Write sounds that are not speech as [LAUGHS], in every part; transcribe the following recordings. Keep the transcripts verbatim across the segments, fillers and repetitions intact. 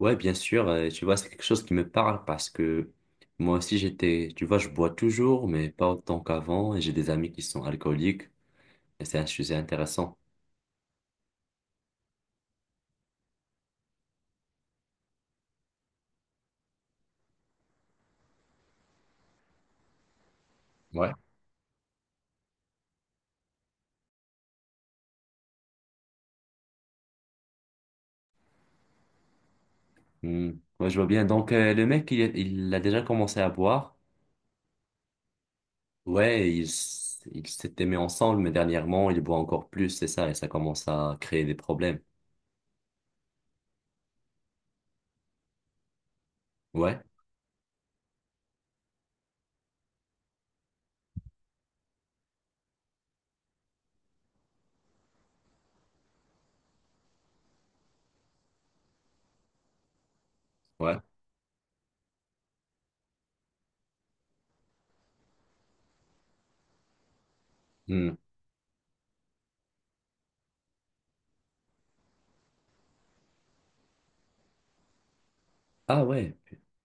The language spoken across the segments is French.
Ouais, bien sûr, euh, tu vois, c'est quelque chose qui me parle parce que moi aussi j'étais, tu vois, je bois toujours, mais pas autant qu'avant, et j'ai des amis qui sont alcooliques, et c'est un sujet intéressant. Ouais. Hmm. Ouais, je vois bien. Donc, euh, le mec, il, il a déjà commencé à boire. Ouais, ils il s'étaient mis ensemble, mais dernièrement, il boit encore plus, c'est ça, et ça commence à créer des problèmes. Ouais. Ouais. Hmm. Ah ouais,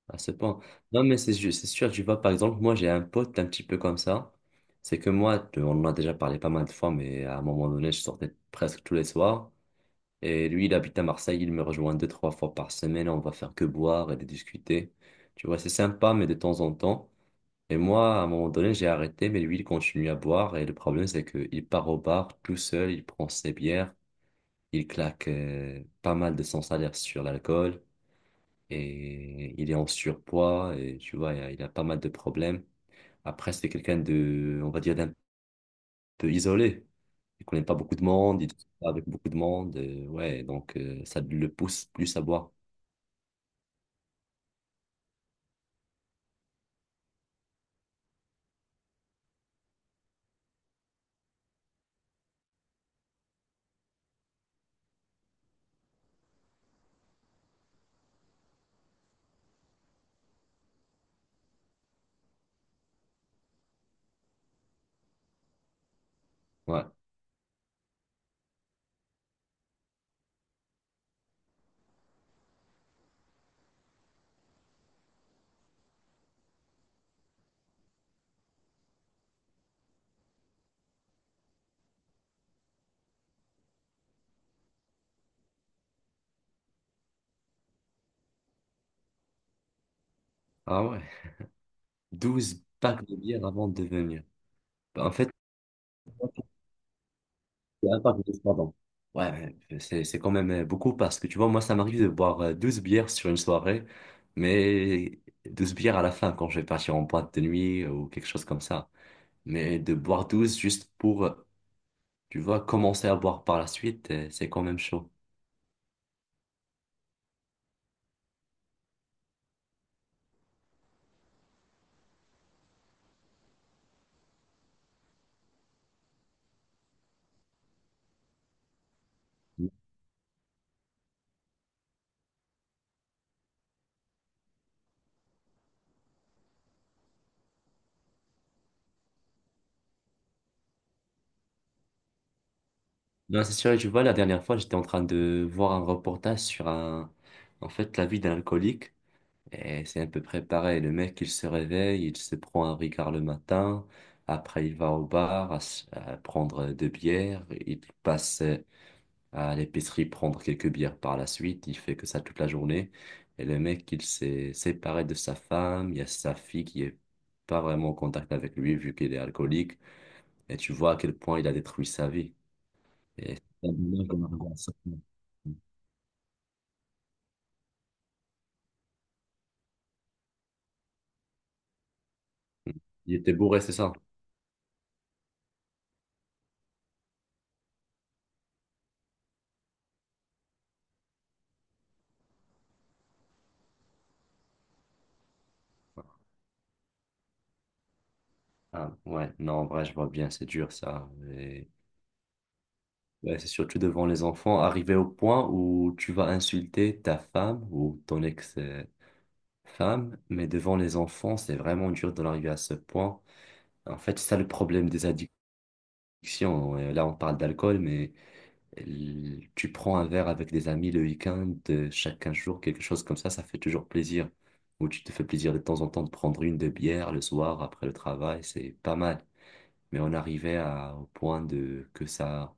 à ce point. Non, mais c'est ju- c'est sûr, tu vois, par exemple, moi, j'ai un pote un petit peu comme ça. C'est que moi, tu- on en a déjà parlé pas mal de fois, mais à un moment donné, je sortais presque tous les soirs. Et lui, il habite à Marseille, il me rejoint deux, trois fois par semaine. On va faire que boire et de discuter. Tu vois, c'est sympa, mais de temps en temps. Et moi, à un moment donné, j'ai arrêté, mais lui, il continue à boire. Et le problème, c'est qu'il part au bar tout seul, il prend ses bières, il claque euh, pas mal de son salaire sur l'alcool et il est en surpoids et tu vois, il a, il a pas mal de problèmes. Après, c'est quelqu'un de, on va dire, d'un peu isolé. Il connaît pas beaucoup de monde, il discute pas avec beaucoup de monde. Euh, ouais, donc euh, ça le pousse plus à boire. Ouais. Ah ouais. Douze packs de bière avant de venir. Bah, en fait, c'est un pack de bière, pardon. Ouais, mais c'est c'est quand même euh, beaucoup parce que tu vois, moi, ça m'arrive de boire euh, douze bières sur une soirée, mais douze bières à la fin quand je vais partir en boîte de nuit ou quelque chose comme ça. Mais de boire douze juste pour, tu vois, commencer à boire par la suite, euh, c'est quand même chaud. Non, c'est sûr, tu vois, la dernière fois, j'étais en train de voir un reportage sur un, en fait, la vie d'un alcoolique. Et c'est à peu près pareil. Le mec, il se réveille, il se prend un Ricard le matin. Après, il va au bar à, s- à prendre deux bières. Il passe euh, à l'épicerie prendre quelques bières par la suite. Il fait que ça toute la journée. Et le mec, il s'est séparé de sa femme. Il y a sa fille qui est pas vraiment en contact avec lui vu qu'il est alcoolique. Et tu vois à quel point il a détruit sa vie. Et c'est un bonheur qu'on arrive à ça. Il était bourré, c'est ça? Ah, ouais, non, en vrai, je vois bien, c'est dur ça. Mais ouais, c'est surtout devant les enfants, arriver au point où tu vas insulter ta femme ou ton ex-femme, mais devant les enfants, c'est vraiment dur d'en arriver à ce point. En fait, c'est ça le problème des addictions. Euh, Là, on parle d'alcool, mais euh, tu prends un verre avec des amis le week-end, euh, chaque quinze jours, quelque chose comme ça, ça fait toujours plaisir. Ou tu te fais plaisir de temps en temps de prendre une de bière le soir après le travail, c'est pas mal. Mais on arrivait à, au point de que ça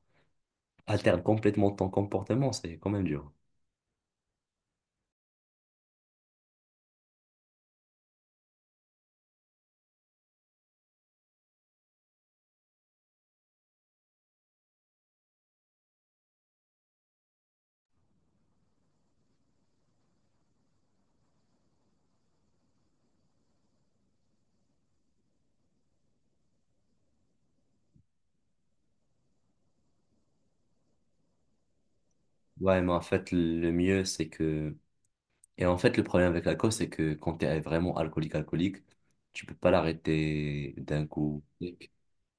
alterne complètement ton comportement, c'est quand même dur. Ouais, mais en fait, le mieux, c'est que... Et en fait, le problème avec l'alcool, c'est que quand tu es vraiment alcoolique, alcoolique, tu peux pas l'arrêter d'un coup.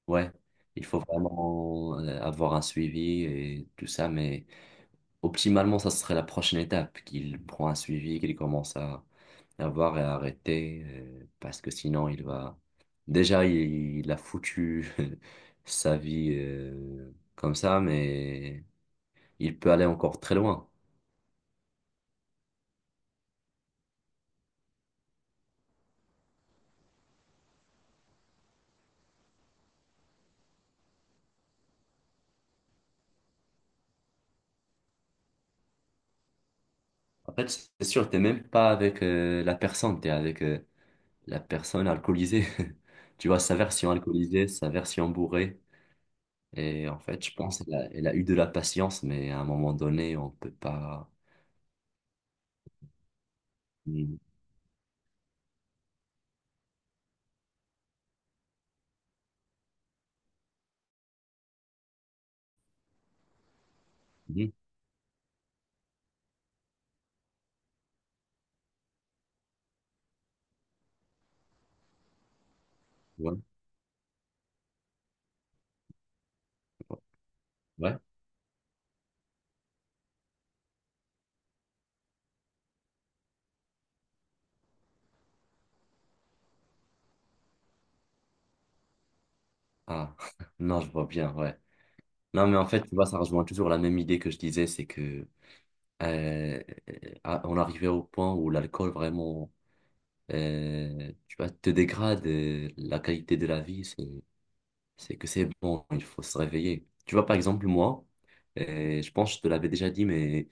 Ouais, il faut vraiment euh, avoir un suivi et tout ça, mais optimalement, ça serait la prochaine étape, qu'il prend un suivi, qu'il commence à avoir et à arrêter, euh, parce que sinon, il va... Déjà, il, il a foutu [LAUGHS] sa vie euh, comme ça, mais il peut aller encore très loin. En fait, c'est sûr, t'es même pas avec euh, la personne, t'es avec euh, la personne alcoolisée. [LAUGHS] Tu vois, sa version alcoolisée, sa version bourrée. Et en fait, je pense bon, qu'elle a, elle a eu de la patience, mais à un moment donné, on peut pas. Mhm. Mhm. Ouais, ouais. Ah, [LAUGHS] non, je vois bien, ouais. Non, mais en fait, tu vois, ça rejoint toujours la même idée que je disais, c'est que euh, ah, on arrivait au point où l'alcool vraiment, euh, tu vois, te dégrade euh, la qualité de la vie. C'est que c'est bon, il faut se réveiller. Tu vois, par exemple, moi, euh, je pense que je te l'avais déjà dit, mais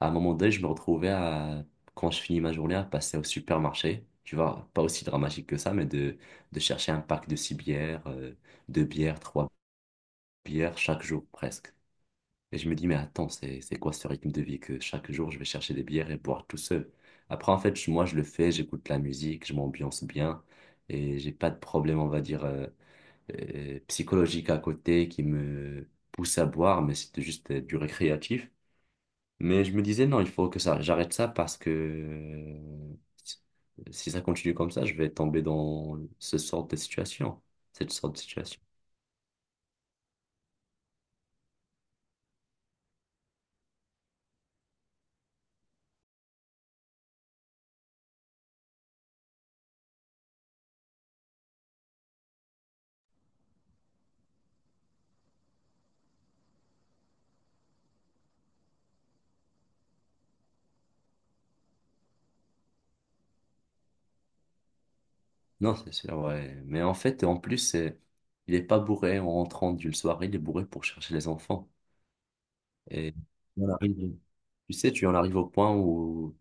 à un moment donné, je me retrouvais à, quand je finis ma journée, à passer au supermarché. Tu vois, pas aussi dramatique que ça, mais de, de chercher un pack de six bières, euh, deux bières, trois bières, chaque jour presque. Et je me dis, mais attends, c'est, c'est quoi ce rythme de vie que chaque jour, je vais chercher des bières et boire tout seul? Après, en fait, je- moi, je le fais, j'écoute la musique, je m'ambiance bien et j'ai pas de problème, on va dire. euh, euh, psychologique à côté qui me poussait à boire, mais c'était juste euh, du récréatif. Mais je me disais, non, il faut que ça, j'arrête ça parce que euh, si ça continue comme ça, je vais tomber dans ce sort de situation, cette sorte de situation. Non, c'est sûr, ouais. Mais en fait, en plus, c'est- il est pas bourré en rentrant d'une soirée, il est bourré pour chercher les enfants. Et on arrive- tu sais, tu en arrives au point où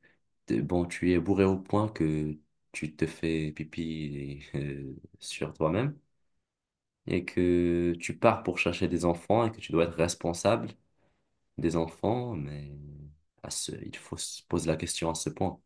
T'es- bon, tu es bourré au point que tu te fais pipi et, [LAUGHS] euh, sur toi-même et que tu pars pour chercher des enfants et que tu dois être responsable des enfants, mais à ce, il faut se poser la question à ce point.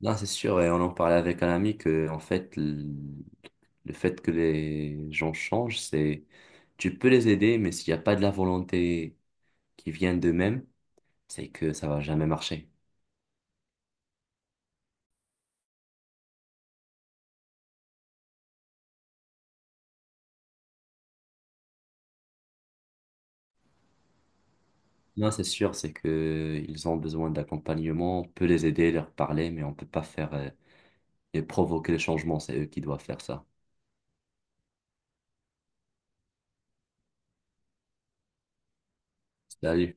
Non, c'est sûr, et on en parlait avec un ami que, en fait, l- le fait que les gens changent, c'est tu peux les aider, mais s'il n'y a pas de la volonté qui vient d'eux-mêmes, c'est que ça va jamais marcher. Non, c'est sûr, c'est que ils ont besoin d'accompagnement, on peut les aider, leur parler, mais on peut pas faire euh, et provoquer les changements, c'est eux qui doivent faire ça. Salut.